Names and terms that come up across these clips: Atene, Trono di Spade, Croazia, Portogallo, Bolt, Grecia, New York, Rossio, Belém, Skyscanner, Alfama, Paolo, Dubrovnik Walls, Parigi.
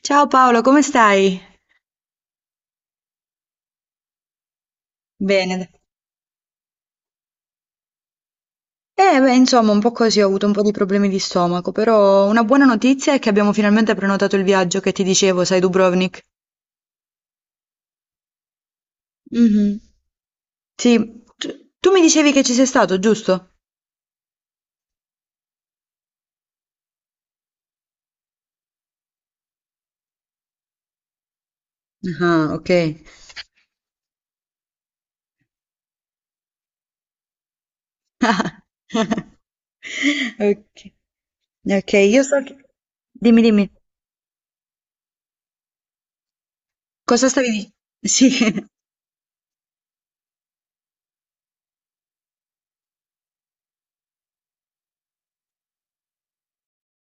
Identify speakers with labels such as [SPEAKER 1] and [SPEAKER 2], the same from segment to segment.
[SPEAKER 1] Ciao Paolo, come stai? Bene. Beh, insomma, un po' così, ho avuto un po' di problemi di stomaco, però una buona notizia è che abbiamo finalmente prenotato il viaggio che ti dicevo, sai, Dubrovnik. Mhm. Sì, tu mi dicevi che ci sei stato, giusto? Ah, ok. Ok, ok, io so che... Dimmi, dimmi, cosa stavi dicendo? Sì.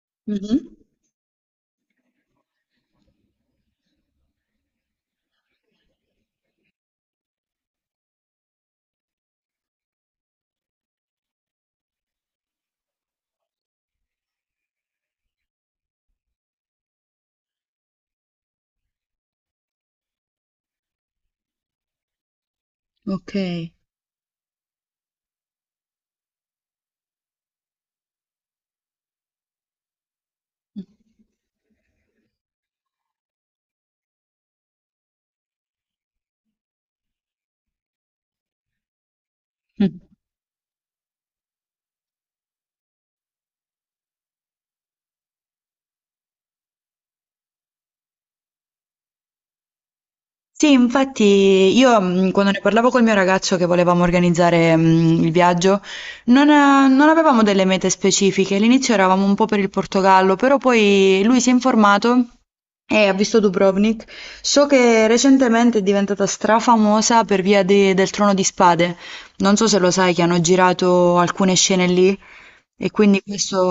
[SPEAKER 1] Mhm. Ok. Sì, infatti io quando ne parlavo col mio ragazzo che volevamo organizzare il viaggio, non avevamo delle mete specifiche. All'inizio eravamo un po' per il Portogallo, però poi lui si è informato e ha visto Dubrovnik. So che recentemente è diventata strafamosa per via de- del Trono di Spade. Non so se lo sai che hanno girato alcune scene lì e quindi questo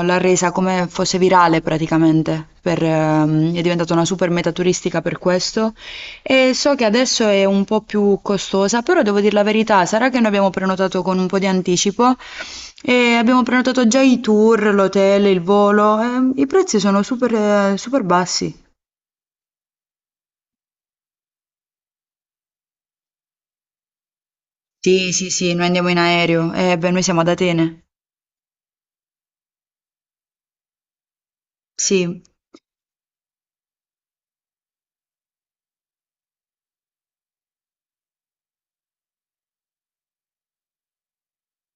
[SPEAKER 1] l'ha resa come fosse virale praticamente. Per, è diventata una super meta turistica per questo. E so che adesso è un po' più costosa, però devo dire la verità, sarà che noi abbiamo prenotato con un po' di anticipo e abbiamo prenotato già i tour, l'hotel, il volo, e i prezzi sono super, super bassi. Sì, sì, sì, noi andiamo in aereo, e beh, noi siamo ad Atene. Sì.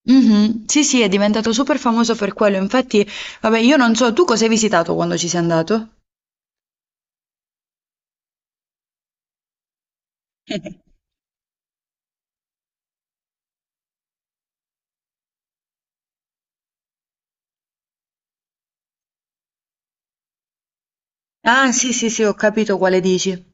[SPEAKER 1] Mhm. Sì, sì, è diventato super famoso per quello. Infatti, vabbè, io non so, tu cosa hai visitato quando ci sei andato? Ah, sì, sì, sì, ho capito quale dici.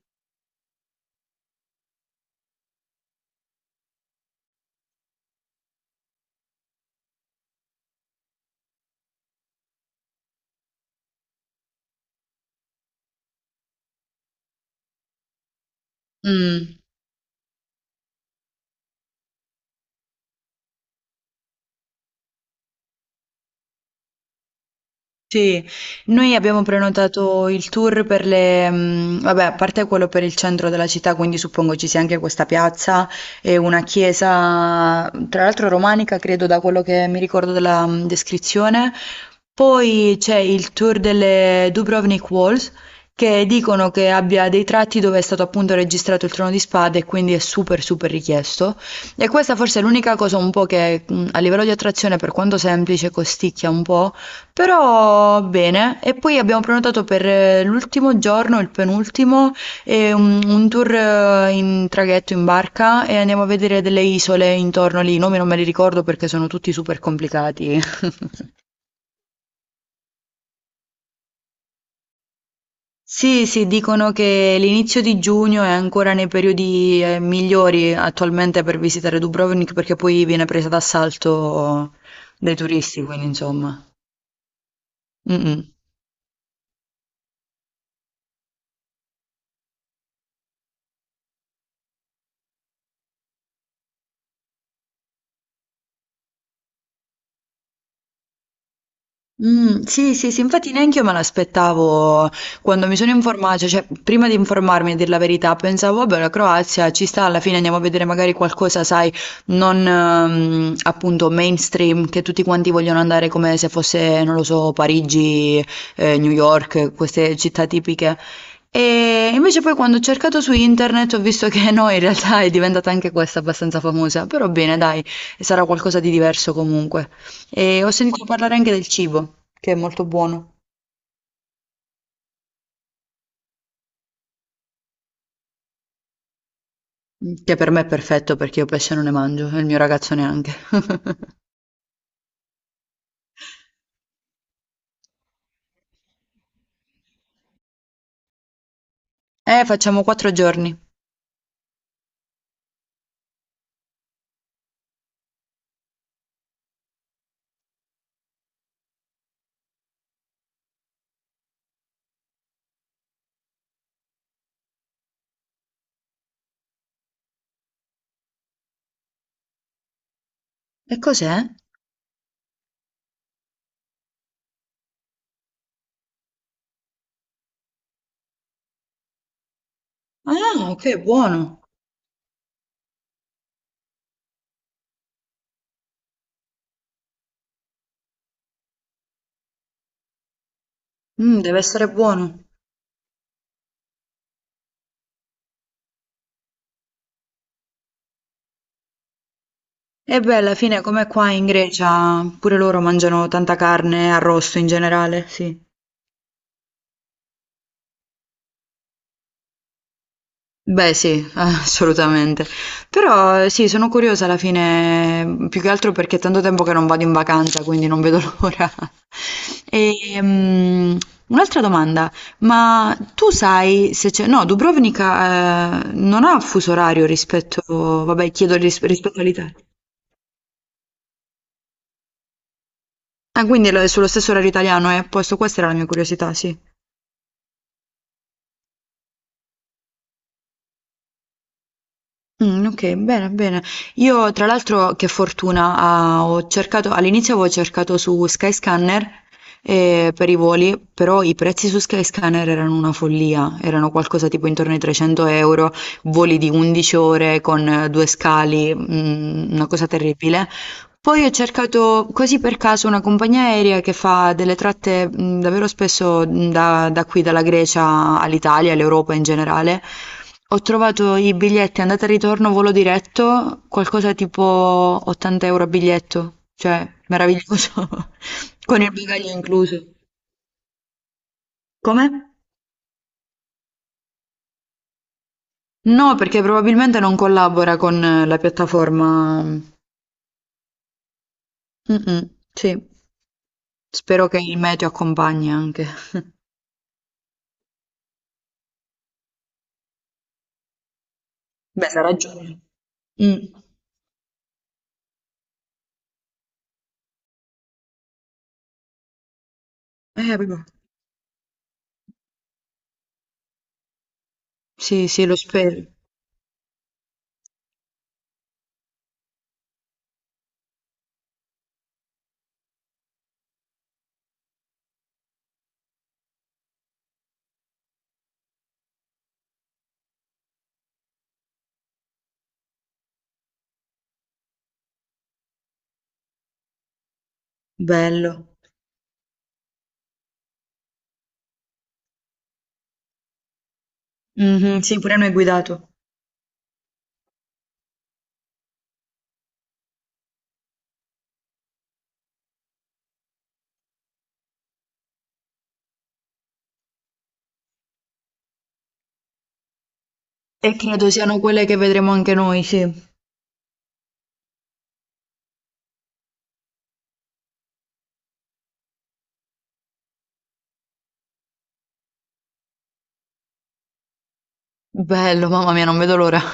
[SPEAKER 1] Mm. Sì, noi abbiamo prenotato il tour per le, vabbè, a parte quello per il centro della città, quindi suppongo ci sia anche questa piazza e una chiesa, tra l'altro romanica, credo da quello che mi ricordo della descrizione. Poi c'è il tour delle Dubrovnik Walls, che dicono che abbia dei tratti dove è stato appunto registrato il Trono di Spade e quindi è super super richiesto. E questa forse è l'unica cosa un po' che a livello di attrazione, per quanto semplice, costicchia un po'. Però bene, e poi abbiamo prenotato per l'ultimo giorno, il penultimo, e un tour in traghetto, in barca e andiamo a vedere delle isole intorno lì. I nomi non me li ricordo perché sono tutti super complicati. Sì, sì, dicono che l'inizio di giugno è ancora nei periodi migliori attualmente per visitare Dubrovnik perché poi viene presa d'assalto dai turisti, quindi insomma. Mm, mm. Sì, sì, sì, infatti neanche io me l'aspettavo quando mi sono informata, cioè prima di informarmi a dir la verità, pensavo, vabbè, la Croazia ci sta, alla fine andiamo a vedere magari qualcosa, sai, non appunto mainstream, che tutti quanti vogliono andare come se fosse, non lo so, Parigi, New York, queste città tipiche. E invece poi quando ho cercato su internet ho visto che no, in realtà è diventata anche questa abbastanza famosa, però bene, dai, sarà qualcosa di diverso comunque. E ho sentito parlare anche del cibo, che è molto buono, che per me è perfetto perché io pesce non ne mangio e il mio ragazzo neanche. Facciamo 4 giorni. E cos'è? Ah, ok, buono. Mm, deve essere buono. E beh, alla fine, come qua in Grecia, pure loro mangiano tanta carne, arrosto in generale, sì. Beh sì, assolutamente. Però sì, sono curiosa alla fine, più che altro perché è tanto tempo che non vado in vacanza, quindi non vedo l'ora. E, mm, un'altra domanda, ma tu sai se c'è... No, Dubrovnica, non ha fuso orario rispetto... Vabbè, chiedo ris- rispetto all'Italia. Ah, quindi è lo- è sullo stesso orario italiano, è a posto, questa era la mia curiosità, sì. Okay, bene, bene. Io tra l'altro che fortuna, ah, ho cercato all'inizio avevo cercato su Skyscanner, per i voli, però i prezzi su Skyscanner erano una follia, erano qualcosa tipo intorno ai 300 euro, voli di 11 ore con 2 scali, mhmm, una cosa terribile. Poi ho cercato così per caso una compagnia aerea che fa delle tratte davvero spesso da qui, dalla Grecia all'Italia, all'Europa in generale. Ho trovato i biglietti andata e ritorno volo diretto, qualcosa tipo 80 euro a biglietto, cioè meraviglioso, con il bagaglio incluso. Come? No, perché probabilmente non collabora con la piattaforma. Mm-mm, sì, spero che il meteo accompagni anche. Beh, sarà giusto. Mm. Proprio. Sì, sì, lo spero. Bello. Mhm, sì, pure noi guidato. E credo siano quelle che vedremo anche noi, sì. Bello, mamma mia, non vedo l'ora.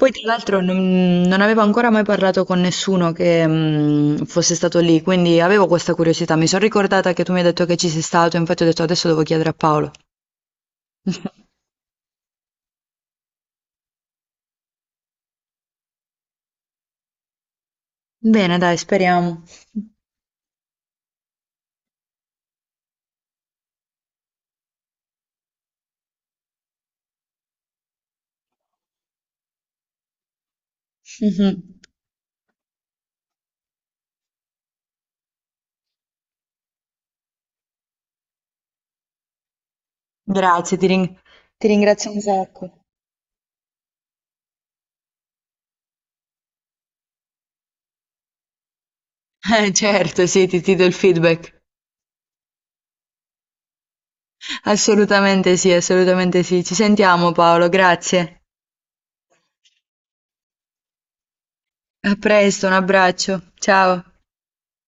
[SPEAKER 1] Poi, tra l'altro, non avevo ancora mai parlato con nessuno che mm, fosse stato lì, quindi avevo questa curiosità. Mi sono ricordata che tu mi hai detto che ci sei stato, infatti ho detto adesso devo chiedere a Paolo. Bene, dai, speriamo. Mhm. Grazie, ti ring- ti ringrazio un sacco. Certo, sì, ti do il feedback. Assolutamente sì, assolutamente sì. Ci sentiamo Paolo, grazie. A presto, un abbraccio. Ciao.